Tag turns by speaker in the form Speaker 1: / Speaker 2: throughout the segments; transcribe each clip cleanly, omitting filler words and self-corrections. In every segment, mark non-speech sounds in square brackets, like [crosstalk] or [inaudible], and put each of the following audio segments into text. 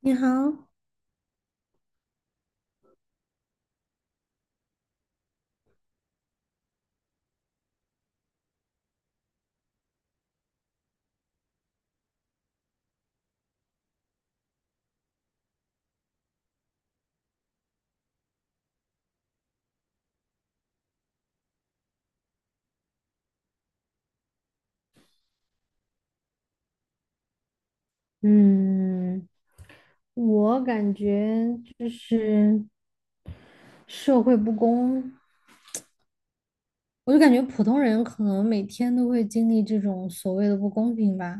Speaker 1: 你好，嗯，我感觉就是社会不公，我就感觉普通人可能每天都会经历这种所谓的不公平吧。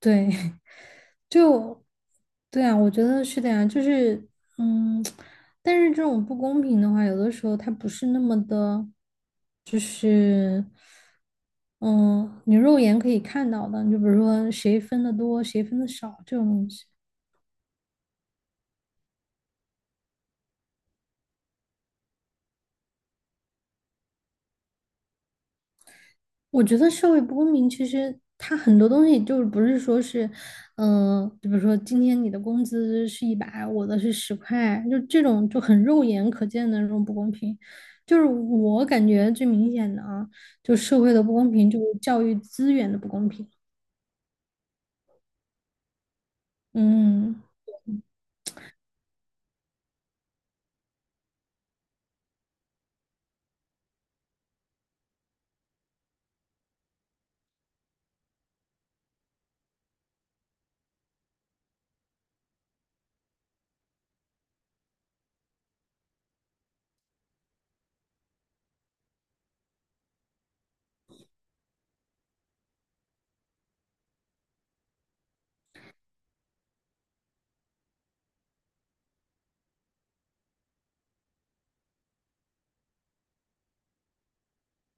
Speaker 1: 对，[laughs] 就对啊，我觉得是的呀，就是嗯，但是这种不公平的话，有的时候它不是那么的，就是嗯，你肉眼可以看到的，你就比如说谁分的多，谁分的少这种东西。我觉得社会不公平，其实它很多东西就是不是说是，就比如说今天你的工资是100，我的是10块，就这种就很肉眼可见的那种不公平。就是我感觉最明显的啊，就社会的不公平，就是教育资源的不公平。嗯。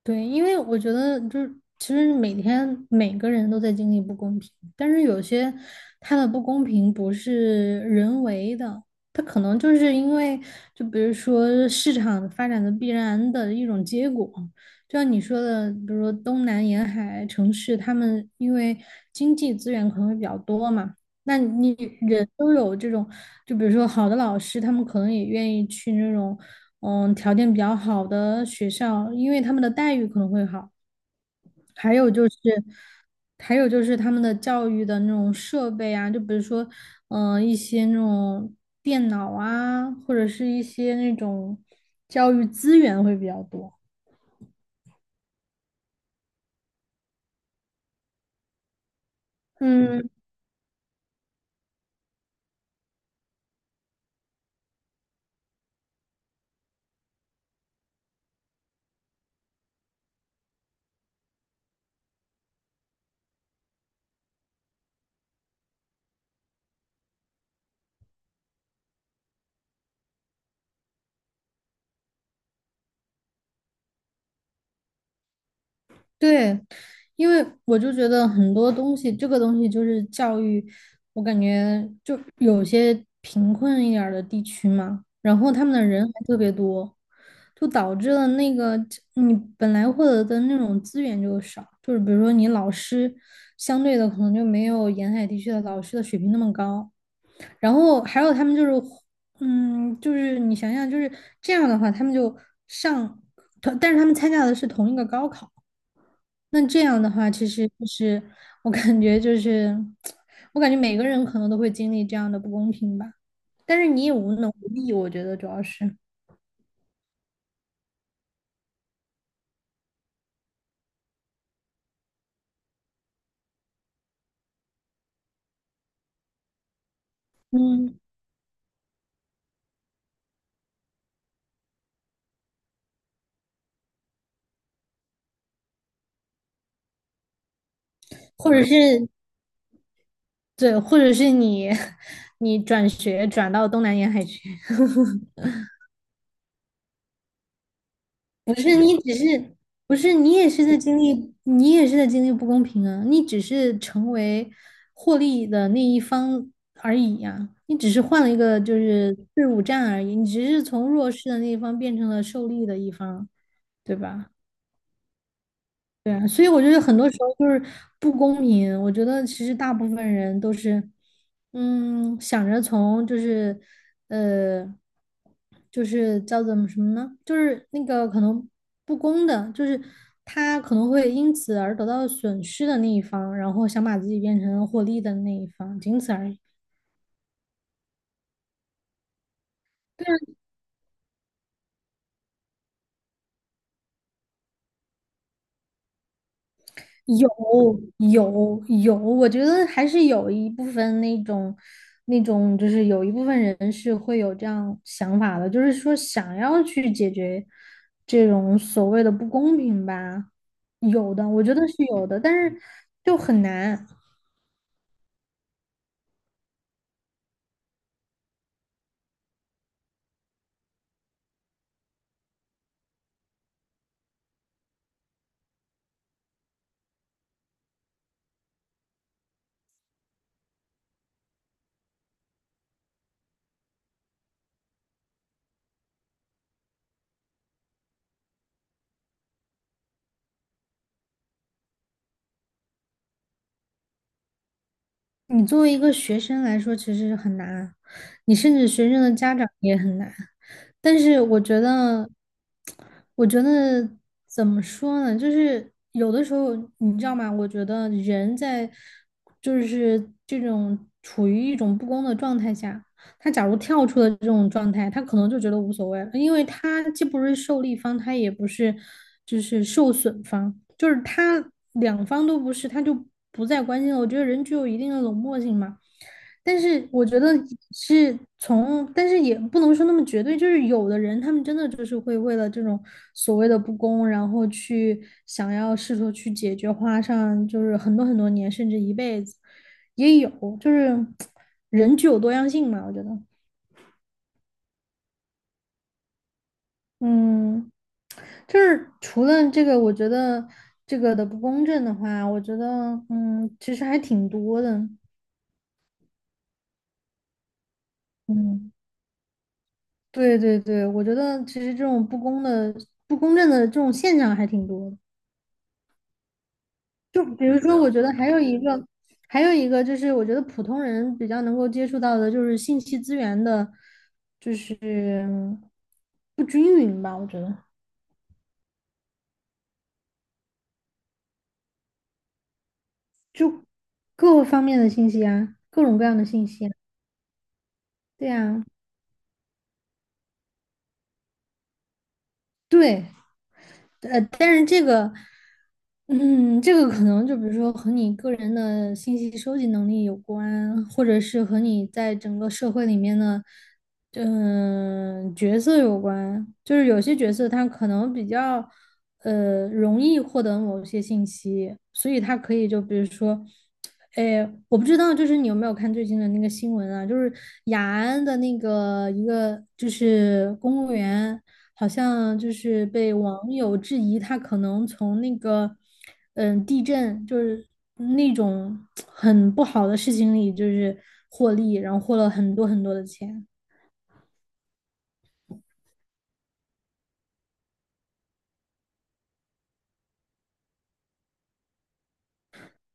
Speaker 1: 对，因为我觉得就是，其实每天每个人都在经历不公平，但是有些它的不公平不是人为的，它可能就是因为，就比如说市场发展的必然的一种结果，就像你说的，比如说东南沿海城市，他们因为经济资源可能会比较多嘛，那你人都有这种，就比如说好的老师，他们可能也愿意去那种。条件比较好的学校，因为他们的待遇可能会好。还有就是，他们的教育的那种设备啊，就比如说，一些那种电脑啊，或者是一些那种教育资源会比较多。嗯，对，因为我就觉得很多东西，这个东西就是教育，我感觉就有些贫困一点儿的地区嘛，然后他们的人还特别多，就导致了那个你本来获得的那种资源就少，就是比如说你老师相对的可能就没有沿海地区的老师的水平那么高，然后还有他们就是，就是你想想就是这样的话，他们就上，但是他们参加的是同一个高考。那这样的话，其实就是我感觉就是，我感觉每个人可能都会经历这样的不公平吧。但是你也无能为力，我觉得主要是，嗯，或者是对，或者是你 [laughs] 你转学转到东南沿海去，不是你只是不是你也是在经历，你也是在经历不公平啊！你只是成为获利的那一方而已呀、你只是换了一个就是队伍战而已，你只是从弱势的那一方变成了受力的一方，对吧？对啊，所以我觉得很多时候就是不公平。我觉得其实大部分人都是，想着从就是，呃，就是叫怎么什么呢？就是那个可能不公的，就是他可能会因此而得到损失的那一方，然后想把自己变成获利的那一方，仅此而已。有有有，我觉得还是有一部分那种，就是有一部分人是会有这样想法的，就是说想要去解决这种所谓的不公平吧，有的，我觉得是有的，但是就很难。你作为一个学生来说，其实很难啊。你甚至学生的家长也很难。但是我觉得怎么说呢？就是有的时候，你知道吗？我觉得人在就是这种处于一种不公的状态下，他假如跳出了这种状态，他可能就觉得无所谓了，因为他既不是受力方，他也不是就是受损方，就是他两方都不是，他就不再关心了。我觉得人具有一定的冷漠性嘛，但是我觉得是从，但是也不能说那么绝对，就是有的人他们真的就是会为了这种所谓的不公，然后去想要试图去解决，花上就是很多很多年，甚至一辈子，也有，就是人具有多样性嘛，我觉得。嗯，就是除了这个，我觉得这个的不公正的话，我觉得其实还挺多的。嗯，对对对，我觉得其实这种不公的、不公正的这种现象还挺多的。就比如说，我觉得还有一个就是，我觉得普通人比较能够接触到的，就是信息资源的，就是不均匀吧。我觉得，就各方面的信息啊，各种各样的信息啊对呀，对。但是这个，这个可能就比如说和你个人的信息收集能力有关，或者是和你在整个社会里面的，角色有关。就是有些角色他可能比较，容易获得某些信息，所以他可以就比如说，哎，我不知道，就是你有没有看最近的那个新闻啊？就是雅安的那个一个就是公务员。好像就是被网友质疑，他可能从那个，地震就是那种很不好的事情里，就是获利，然后获了很多很多的钱，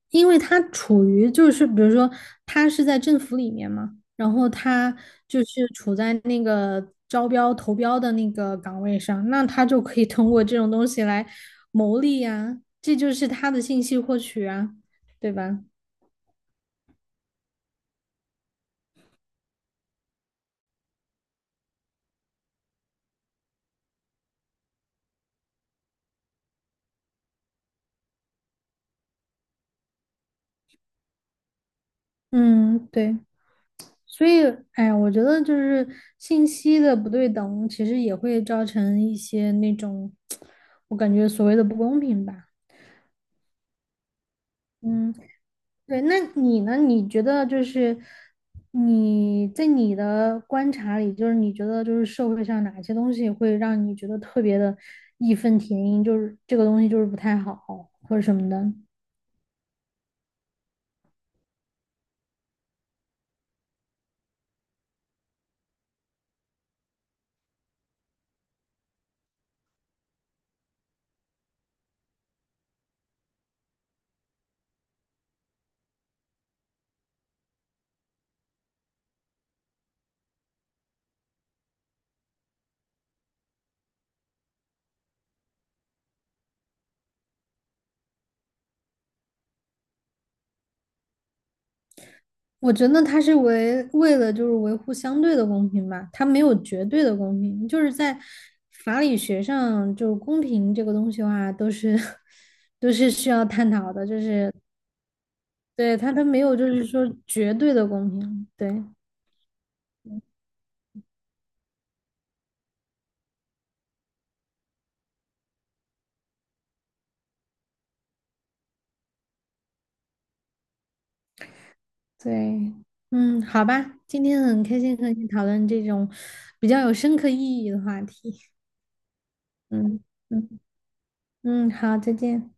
Speaker 1: 因为他处于就是比如说他是在政府里面嘛，然后他就是处在那个招标投标的那个岗位上，那他就可以通过这种东西来牟利呀，这就是他的信息获取啊，对吧？嗯，对。所以，哎呀，我觉得就是信息的不对等，其实也会造成一些那种，我感觉所谓的不公平吧。嗯，对，那你呢？你觉得就是你在你的观察里，就是你觉得就是社会上哪些东西会让你觉得特别的义愤填膺，就是这个东西就是不太好或者什么的？我觉得他是为了就是维护相对的公平吧，他没有绝对的公平，就是在法理学上，就公平这个东西的话，都是 [laughs] 都是需要探讨的，就是对他没有就是说绝对的公平，对对，嗯，好吧，今天很开心和你讨论这种比较有深刻意义的话题，嗯嗯嗯，好，再见。